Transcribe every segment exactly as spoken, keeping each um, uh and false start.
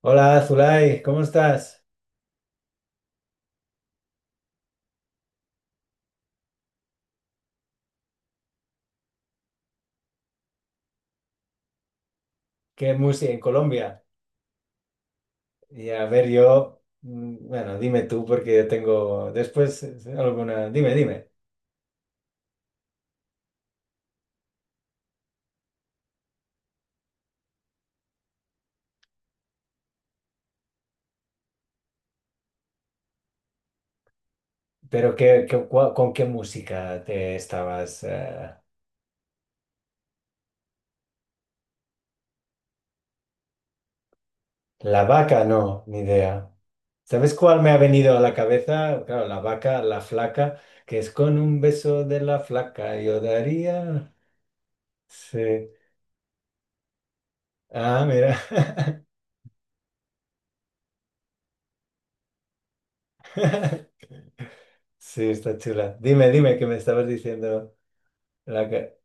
Hola, Zulay, ¿cómo estás? ¿Qué música en Colombia? Y a ver, yo, mm, bueno, dime tú porque yo tengo después, eh, alguna. Dime, dime, pero qué, qué- cua- ¿con qué música te estabas? eh? La vaca, no, ni idea. ¿Sabes cuál me ha venido a la cabeza? Claro, la vaca, la flaca, que es con un beso de la flaca, yo daría. Sí. Ah, mira. Sí, está chula. Dime, dime, ¿qué me estabas diciendo? La que-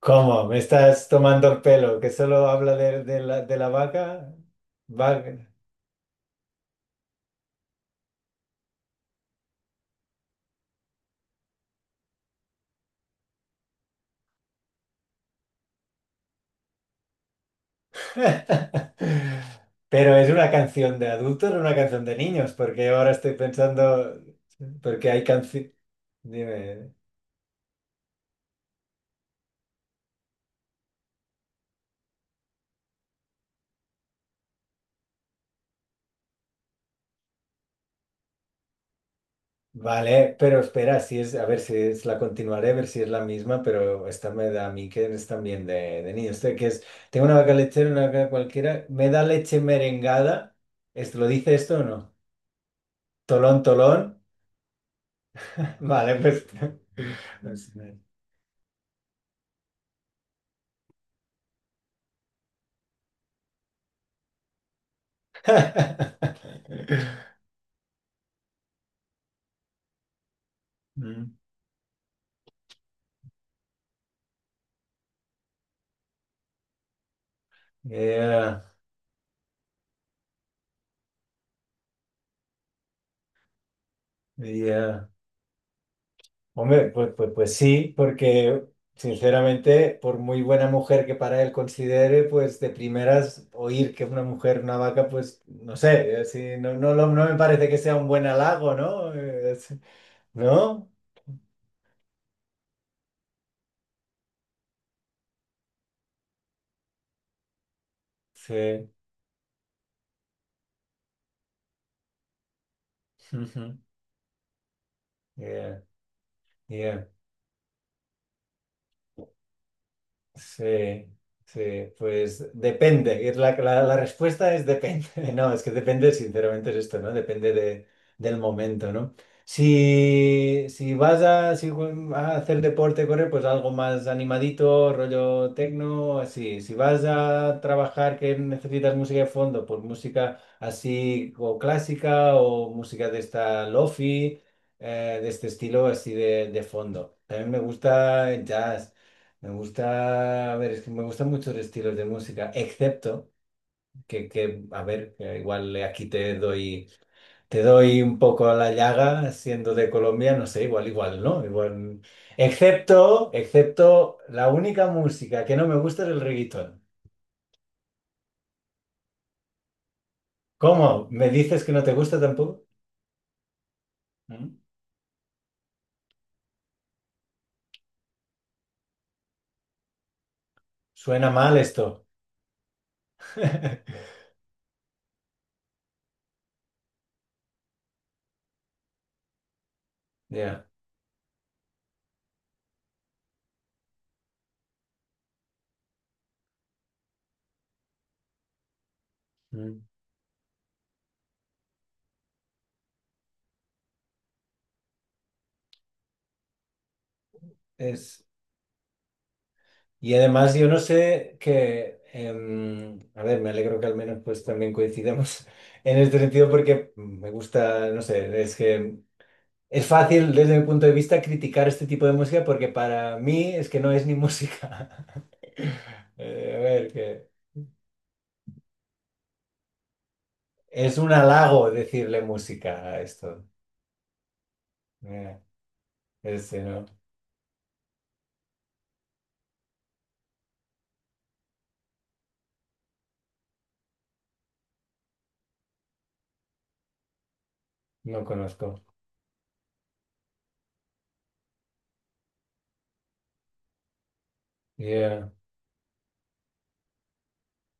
¿Cómo? ¿Me estás tomando el pelo? ¿Que solo habla de, de la, de la vaca? Vaca. Pero ¿es una canción de adultos o una canción de niños? Porque ahora estoy pensando, porque hay canciones. Dime. Vale, pero espera, si es, a ver si es la continuaré, a ver si es la misma, pero esta me da a mí que es también de, de niños. Este que es, tengo una vaca lechera, una vaca cualquiera, me da leche merengada. ¿Esto lo dice esto o no? Tolón, tolón. Vale, pues, pues, mm, yeah, yeah. Hombre, pues, pues, pues sí, porque sinceramente, por muy buena mujer que para él considere, pues de primeras oír que una mujer, una vaca, pues no sé, así, no, no, lo- no me parece que sea un buen halago, ¿no? Eh, es- ¿no? Sí. Ujú. Yeah, yeah. Sí, sí, pues depende. Es La, la, la respuesta es depende. No, es que depende, sinceramente, es esto, ¿no? Depende de, del momento, ¿no? Si, si vas a, si ju- a hacer deporte, correr, pues algo más animadito, rollo tecno, así. Si vas a trabajar que necesitas música de fondo, pues música así o clásica o música de esta lofi, eh, de este estilo así de, de fondo. También me gusta el jazz. Me gusta, a ver, es que me gustan muchos estilos de música, excepto que, que, a ver, que igual aquí te doy, te doy un poco a la llaga, siendo de Colombia, no sé, igual, igual, ¿no? Igual, excepto, excepto, la única música que no me gusta es el reggaetón. ¿Cómo? ¿Me dices que no te gusta tampoco? ¿Mm? Suena mal esto. Ya. Mm. Es. Y además yo no sé que, em, a ver, me alegro que al menos pues también coincidamos en este sentido porque me gusta, no sé, es que es fácil desde mi punto de vista criticar este tipo de música porque para mí es que no es ni música. Eh, a ver, que es un halago decirle música a esto. Yeah, este no, no conozco. Yeah.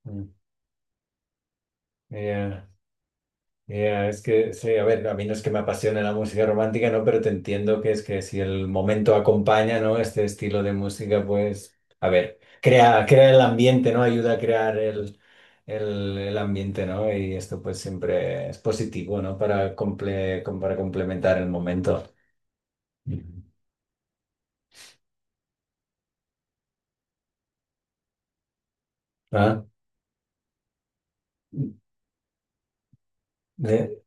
mm, yeah. Ya, es que, sí, a ver, a mí no es que me apasione la música romántica, ¿no? Pero te entiendo que es que si el momento acompaña, ¿no? Este estilo de música, pues, a ver, crea, crea el ambiente, ¿no? Ayuda a crear el, el, el ambiente, ¿no? Y esto pues siempre es positivo, ¿no? Para, comple, com- para complementar el momento. Ujú. ¿Ah? Eh,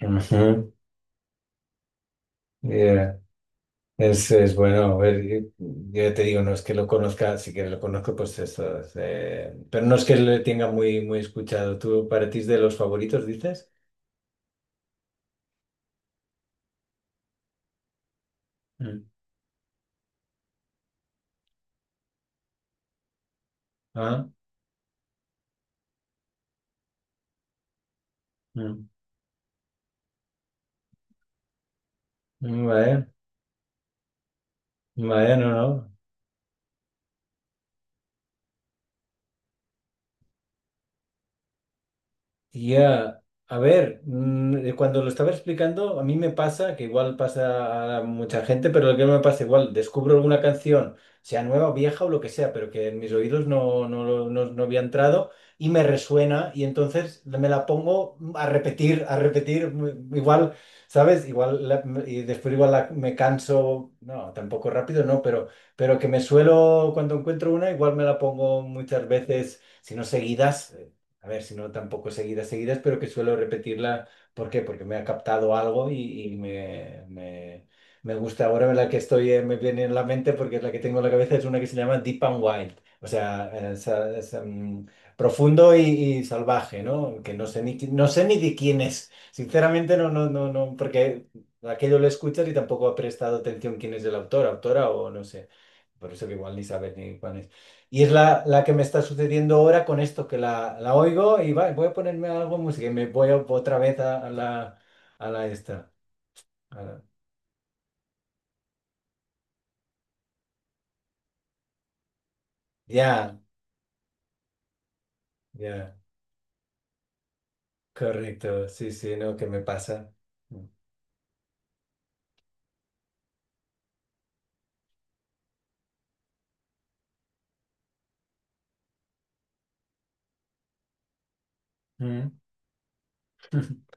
ujú. Eh, Es, es bueno, a ver, yo yo te digo, no es que lo conozca, si que lo conozco, pues esto, es, eh, pero no es que lo tenga muy, muy escuchado. ¿Tú para ti es de los favoritos, dices? Mm. Ah, mm. Vale, vale, no, no. Ya, a ver, mm, eh, cuando lo estaba explicando, a mí me pasa, que igual pasa a mucha gente, pero lo que me pasa igual, descubro alguna canción, sea nueva o vieja o lo que sea, pero que en mis oídos no, no, lo- no, no había entrado y me resuena y entonces me la pongo a repetir, a repetir, mm, igual, ¿sabes? Igual, la- y después igual la- me canso, no, tampoco rápido, no, pero, pero que me suelo, cuando encuentro una, igual me la pongo muchas veces si no seguidas, a ver, si no tampoco seguidas, seguidas, pero que suelo repetirla. ¿Por qué? Porque me ha captado algo y, y me, me, me, gusta. Ahora la que estoy, eh, me viene en la mente porque es la que tengo en la cabeza, es una que se llama Deep and Wild. O sea, eh, es, es, mm, profundo y, y salvaje, ¿no? Que no sé ni, qui- no sé ni de quién es. Sinceramente, no, no, no, no, porque aquello lo escuchas y tampoco ha prestado atención quién es el autor, autora o no sé. Por eso que igual ni sabes ni cuál es. Y es la, la que me está sucediendo ahora con esto, que la, la oigo y va, voy a ponerme algo de música y me voy a- otra vez a, a la, a la esta. a la- Ya, ya, correcto. Sí, sí, ¿no? ¿Qué me pasa? Mm.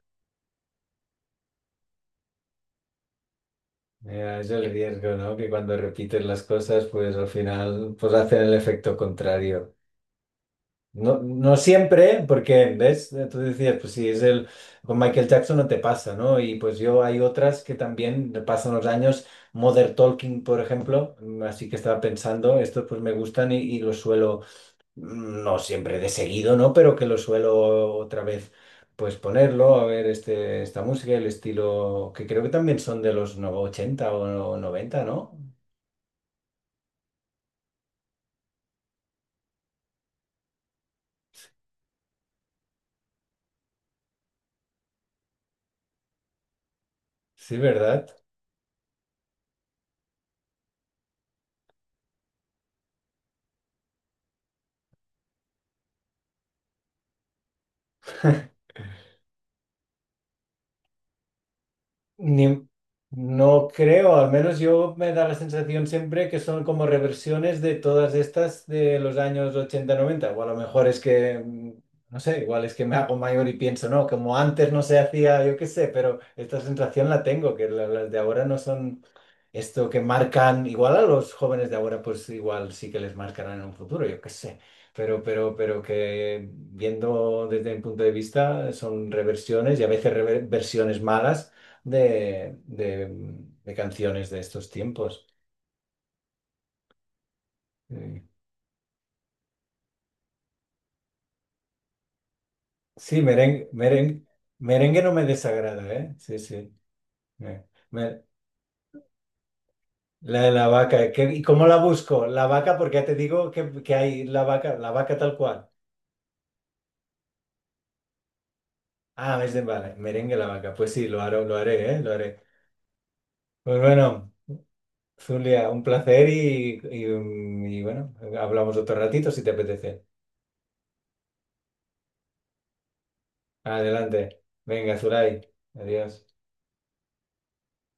Ya, es el riesgo, ¿no? Que cuando repites las cosas, pues al final, pues hacen el efecto contrario. No, no siempre, porque, ¿ves? Tú decías, pues si es el. Con Michael Jackson no te pasa, ¿no? Y pues yo hay otras que también pasan los años. Modern Talking, por ejemplo, mm, así que estaba pensando, estos pues me gustan y, y los suelo, mm, no siempre de seguido, ¿no? Pero que los suelo otra vez, pues ponerlo, a ver este, esta música, el estilo, que creo que también son de los no- ochenta o no- noventa, ¿no? Sí, ¿verdad? Ni- no creo, al menos yo me da la sensación siempre que son como reversiones de todas estas de los años ochenta noventa o a lo mejor es que, mm, no sé, igual es que me hago mayor y pienso, no, como antes no se hacía, yo qué sé, pero esta sensación la tengo, que la- las de ahora no son esto que marcan, igual a los jóvenes de ahora, pues igual sí que les marcarán en un futuro, yo qué sé, pero, pero, pero que viendo desde mi punto de vista son reversiones y a veces reversiones malas de, de- mm, de canciones de estos tiempos. Sí, sí, merengue, merengue, merengue no me desagrada, ¿eh? Sí, sí. Eh, me- la de la vaca, ¿qué- ¿y cómo la busco? La vaca, porque ya te digo que, que hay la vaca, la vaca tal cual. Ah, es de vale, merengue la vaca. Pues sí, lo haré, lo haré, ¿eh? Lo haré. Pues bueno, Zulia, un placer y, y, um, y bueno, hablamos otro ratito si te apetece. Adelante. Venga, Zulay. Adiós.